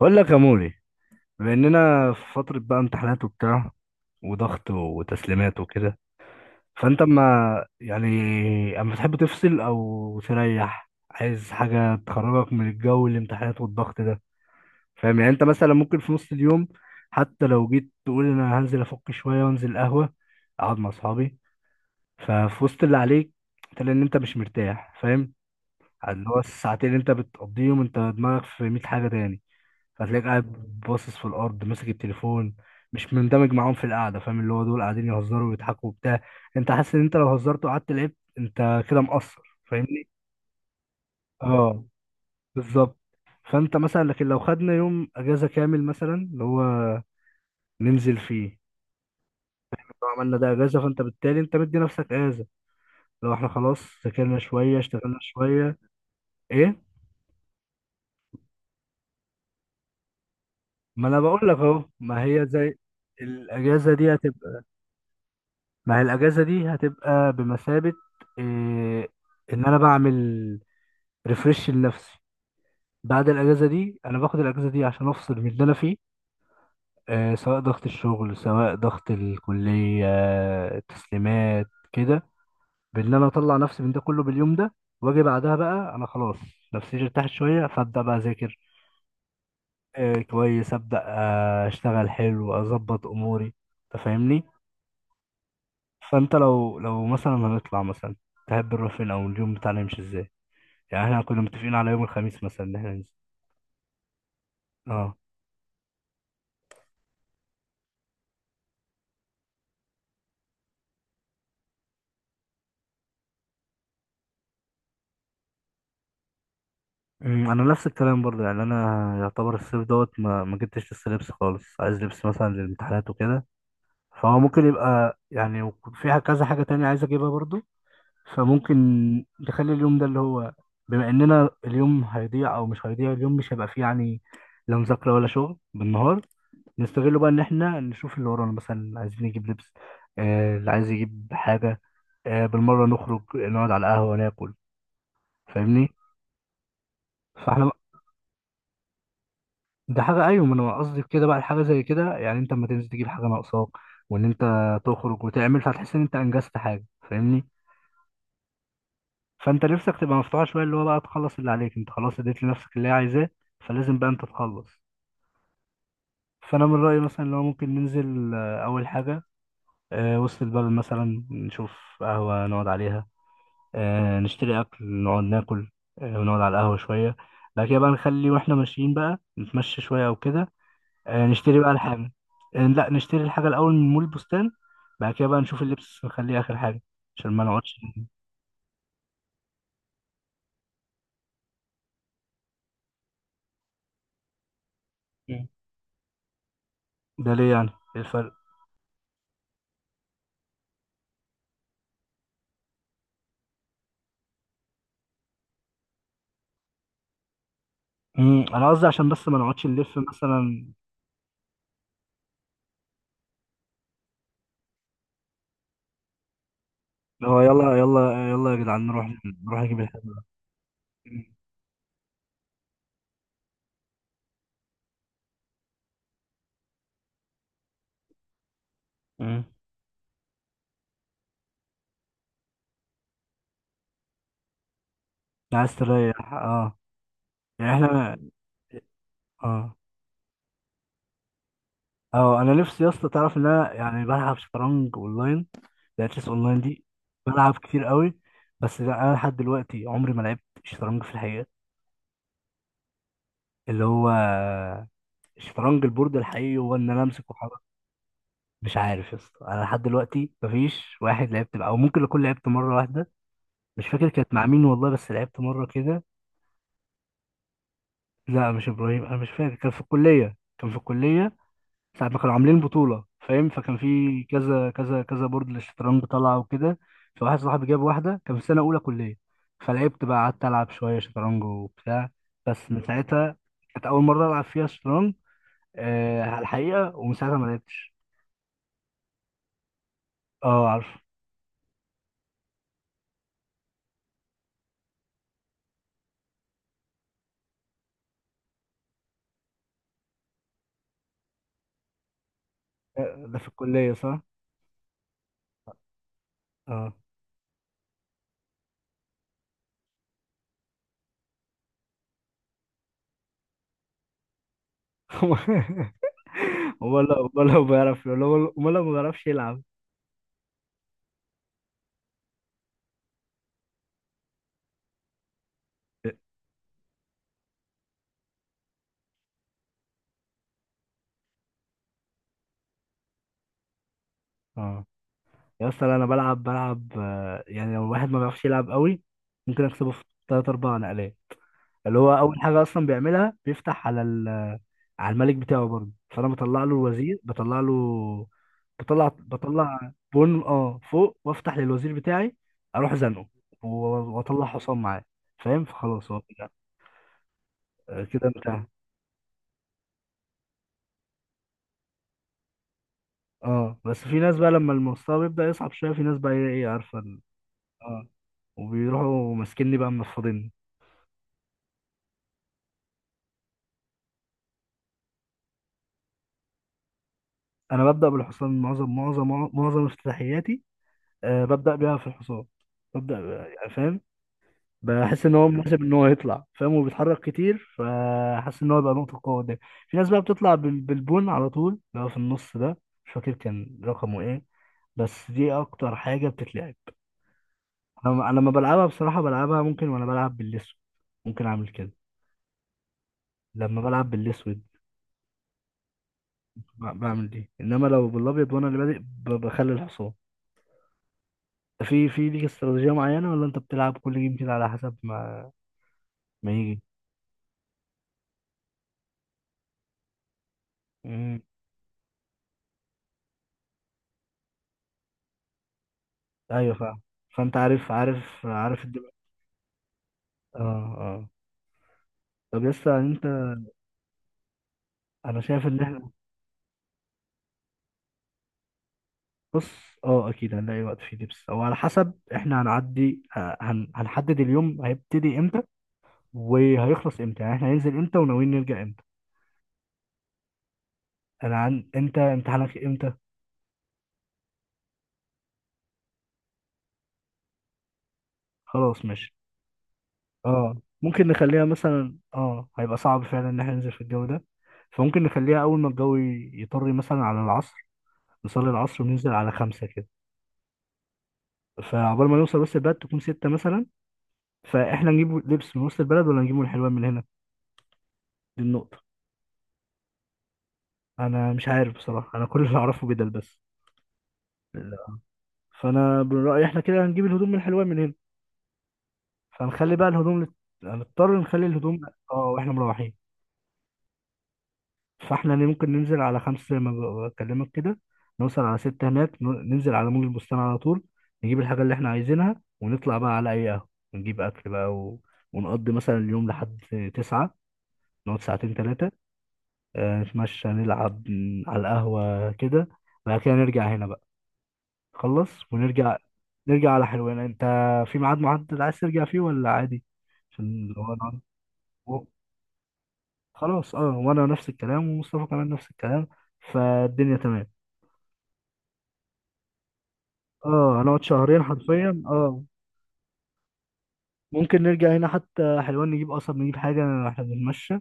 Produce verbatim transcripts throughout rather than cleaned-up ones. بقول لك يا موري، بما اننا في فترة بقى امتحانات وبتاع وضغط وتسليمات وكده، فانت اما يعني اما تحب تفصل او تريح، عايز حاجة تخرجك من الجو الامتحانات والضغط ده، فاهم؟ يعني انت مثلا ممكن في نص اليوم حتى لو جيت تقول انا هنزل افك شوية وانزل قهوة اقعد مع اصحابي، ففي وسط اللي عليك تلاقي ان انت مش مرتاح، فاهم؟ اللي هو الساعتين اللي انت بتقضيهم انت دماغك في مئة حاجة تاني، فتلاقيك قاعد باصص في الارض ماسك التليفون، مش مندمج معاهم في القعده، فاهم؟ اللي هو دول قاعدين يهزروا ويضحكوا وبتاع، انت حاسس ان انت لو هزرت وقعدت لعبت انت كده مقصر، فاهمني؟ اه، بالظبط. فانت مثلا، لكن لو خدنا يوم اجازه كامل مثلا، اللي هو ننزل فيه، لو عملنا ده اجازه فانت بالتالي انت مدي نفسك اجازه. لو احنا خلاص ذاكرنا شويه اشتغلنا شويه. ايه، ما انا بقول لك اهو، ما هي زي الاجازه دي هتبقى، ما هي الاجازه دي هتبقى بمثابه إيه، ان انا بعمل ريفرش لنفسي. بعد الاجازه دي انا باخد الاجازه دي عشان افصل من اللي انا فيه، إيه، سواء ضغط الشغل سواء ضغط الكليه التسليمات كده، بان انا اطلع نفسي من ده كله باليوم ده. واجي بعدها بقى انا خلاص نفسيتي ارتاحت شويه فابدا بقى اذاكر، إيه، كويس، ابدا، آه، اشتغل حلو اظبط اموري، تفهمني؟ فانت لو لو مثلا هنطلع مثلا، تحب نروح فين، او اليوم بتاعنا يمشي ازاي؟ يعني احنا كنا متفقين على يوم الخميس مثلا ان احنا ننزل، اه. أمم، مم. انا نفس الكلام برضه، يعني انا يعتبر الصيف دوت، ما ما جبتش لسه لبس خالص، عايز لبس مثلا للامتحانات وكده، فهو ممكن يبقى يعني وك- فيها كذا حاجة تانية عايز اجيبها برضه. فممكن نخلي اليوم ده اللي هو، بما اننا اليوم هيضيع او مش هيضيع، اليوم مش هيبقى فيه يعني لا مذاكرة ولا شغل بالنهار، نستغله بقى ان احنا نشوف اللي ورانا، مثلا عايزين نجيب لبس، آه، اللي عايز يجيب حاجة، آه، بالمرة نخرج نقعد على القهوة ناكل، فاهمني؟ فاحنا، ده حاجه، ايوه، ما انا قصدي في كده بقى، الحاجه زي كده يعني انت اما تنزل تجيب حاجه ناقصاك وان انت تخرج وتعمل، فهتحس ان انت انجزت حاجه، فاهمني؟ فانت نفسك تبقى مفتوحه شويه، اللي هو بقى تخلص اللي عليك، انت خلاص اديت لنفسك اللي هي عايزاه، فلازم بقى انت تخلص. فانا من رايي مثلا اللي هو ممكن ننزل، آه، اول حاجه آه، وسط البلد مثلا، نشوف قهوه نقعد عليها، آه، نشتري اكل نقعد ناكل، آه، ونقعد على القهوه شويه، بعد كده بقى نخلي، واحنا ماشيين بقى نتمشى شويه او كده، آه، نشتري بقى الحاجة، آه، لا، نشتري الحاجة الأول من مول البستان، بعد كده بقى نشوف اللبس نخليه آخر حاجة عشان ما نقعدش. مم. ده ليه يعني؟ إيه الفرق؟ مم، أنا قصدي عشان بس ما نقعدش نلف مثلا. هو يلا يلا يلا يا جدعان نروح، نروح نجيب الحاجة. مم. مم. عايز تريح، اه. يعني احنا، اه، اه، انا نفسي يا اسطى تعرف ان انا يعني بلعب شطرنج اونلاين، لاتلس اونلاين دي، بلعب كتير قوي، بس لا، انا لحد دلوقتي عمري ما لعبت شطرنج في الحقيقة. اللي هو الشطرنج البورد الحقيقي، هو ان انا امسك واحرك. مش عارف يا اسطى، انا لحد دلوقتي مفيش واحد لعبت معاه، او ممكن اكون لعبت مره واحده. مش فاكر كانت مع مين والله، بس لعبت مره كده. لا مش ابراهيم، انا مش فاكر، كان في الكليه كان في الكليه ساعه ما كانوا عاملين بطوله، فاهم؟ فكان في كذا كذا كذا بورد للشطرنج طالعه وكده، فواحد صاحبي جاب واحده، كان في سنه اولى كليه، فلعبت بقى، قعدت العب شويه شطرنج وبتاع. بس من ساعتها، كانت اول مره العب فيها شطرنج آه، على الحقيقه، ومن ساعتها ما لعبتش. اه، عارف. آه، ده في الكلية، صح؟ اه. امال لو، امال لو بيعرف، امال أمال لو ما بيعرفش يلعب. اه يا اسطى، لا، انا بلعب بلعب آه، يعني لو الواحد ما بيعرفش يلعب قوي ممكن اكسبه في تلات اربع نقلات، اللي هو اول حاجة اصلا بيعملها بيفتح على ال... على الملك بتاعه برضه، فانا بطلع له الوزير، بطلع له، بطلع بطلع بون اه فوق، وافتح للوزير بتاعي، اروح زنقه و- واطلع حصان معاه، فاهم؟ فخلاص هو كده، آه، كده انت. اه، بس في ناس بقى لما المستوى بيبدأ يصعب شوية، في ناس بقى ايه إيه عارفة ال- اه، وبيروحوا ماسكيني بقى منفضيني. انا ببدأ بالحصان، معظم معظم معظم افتتاحياتي، آه ببدأ بيها في الحصان، ببدأ ب- يعني فاهم؟ بحس ان هو مناسب ان هو يطلع، فاهم؟ وبيتحرك كتير فحاسس ان هو يبقى نقطة قوة قدام. في ناس بقى بتطلع بال- بالبون على طول، اللي هو في النص ده، مش فاكر كان رقمه ايه، بس دي اكتر حاجة بتتلعب. انا انا لما بلعبها بصراحة بلعبها ممكن، وانا بلعب باللسو ممكن اعمل كده، لما بلعب بالاسود ب- بعمل دي، انما لو بالابيض، وانا اللي بادئ ب- بخلي الحصان. في في ليك استراتيجيه معينه، ولا انت بتلعب كل جيم كده على حسب ما ما يجي؟ امم. ايوه، فاهم. فانت عارف، عارف عارف الدماغ. اه، اه، طب لسه انت، انا شايف ان احنا، بص، اه اكيد هنلاقي وقت فيه دبس، او على حسب احنا هنعدي ه- هن... هنحدد اليوم هيبتدي امتى وهيخلص امتى، يعني احنا هننزل امتى وناويين نرجع امتى. انا عن انت، امتحانك امتى؟ خلاص ماشي، اه، ممكن نخليها مثلا، اه هيبقى صعب فعلا ان احنا ننزل في الجو ده، فممكن نخليها اول ما الجو ي- يطري مثلا على العصر، نصلي العصر وننزل على خمسة كده، فعقبال ما نوصل وسط البلد تكون ستة مثلا. فاحنا نجيب لبس من وسط البلد، ولا نجيبه من الحلوان من هنا؟ دي النقطة. انا مش عارف بصراحة، انا كل اللي اعرفه بدل بس. لا. فانا من رأيي احنا كده هنجيب الهدوم من الحلوان من هنا، فنخلي بقى الهدوم لت... هنضطر نخلي الهدوم، اه، واحنا مروحين. فاحنا ن- ممكن ننزل على خمسة زي ما ب- بكلمك كده، نوصل على ستة هناك، ن- ننزل على مول البستان على طول، نجيب الحاجة اللي احنا عايزينها، ونطلع بقى على أي قهوة، ونجيب أكل بقى، و... ونقضي مثلا اليوم لحد تسعة، نقعد ساعتين تلاتة، آه، نتمشى نلعب ن- على القهوة كده، بعد كده نرجع هنا بقى، خلص ونرجع، نرجع على حلوان. انت في ميعاد محدد عايز ترجع فيه ولا عادي؟ عشان لو انا و- خلاص، اه، وانا نفس الكلام، ومصطفى كمان نفس الكلام، فالدنيا تمام. اه، هنقعد شهرين حرفيا، اه. ممكن نرجع هنا حتى حلوان، نجيب قصب، نجيب حاجة، احنا بنتمشى،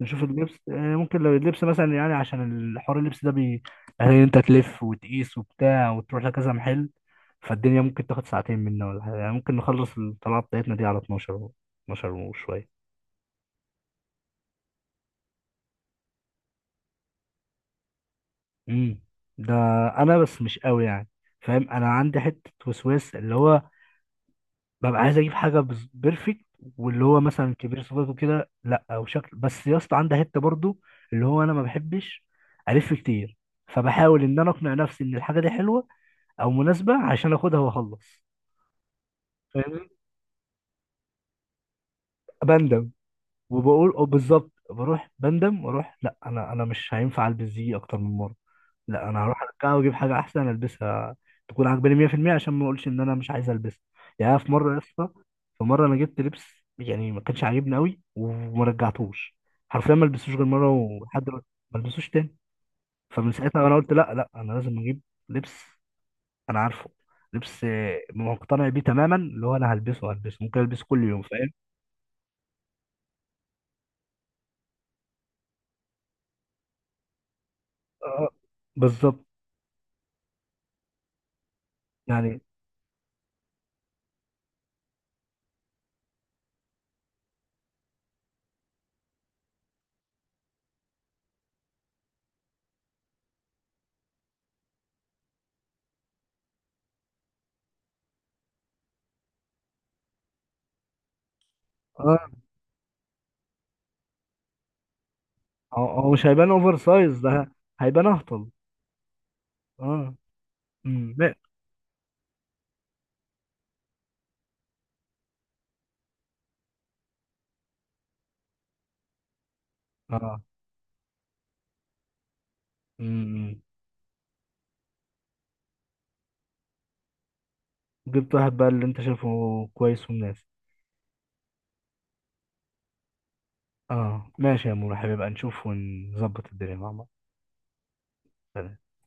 نشوف اللبس، آه، ممكن لو اللبس مثلا يعني، عشان الحوار اللبس ده بي، يعني انت تلف وتقيس وبتاع وتروح لكذا محل، فالدنيا ممكن تاخد ساعتين منا ولا حاجة، يعني ممكن نخلص الطلعة بتاعتنا دي على اتناشر و- اتناشر وشوية. امم. ده انا بس مش قوي يعني، فاهم؟ انا عندي حتة وسواس، اللي هو ببقى عايز اجيب حاجه بز- بيرفكت، واللي هو مثلا كبير صفاته كده، لا، او شكل، بس يا اسطى عندها حته برضو، اللي هو انا ما بحبش الف كتير، فبحاول ان انا اقنع نفسي ان الحاجه دي حلوه او مناسبه عشان اخدها واخلص، فاهمني؟ بندم، وبقول، او بالظبط بروح بندم واروح، لا انا انا مش هينفع البس دي اكتر من مره، لا انا هروح ارجعها واجيب حاجه احسن البسها، تكون عاجباني مية في المية عشان ما اقولش ان انا مش عايز البسها. يعني أنا في مره يا اسطى، في مره انا جبت لبس، يعني ما كانش عاجبني قوي، وما رجعتوش، حرفيا ما لبسوش غير مره، ولحد دلوقتي ما لبسوش تاني. فمن ساعتها انا قلت، لا لا، انا لازم اجيب لبس انا عارفه، لبس آه، مقتنع بيه تماما، اللي هو انا هلبسه هلبسه ممكن البسه كل يوم، فاهم؟ اه، بالظبط. يعني اه، هو هو مش هيبان اوفر سايز ده، هيبان اهطل. اه، امم، لا. آه. امم. جبت واحد بقى اللي انت شايفه كويس ومناسب. اه، ماشي يا مورو حبيبي، بقى نشوف ونظبط الدنيا مع بعض. سلام.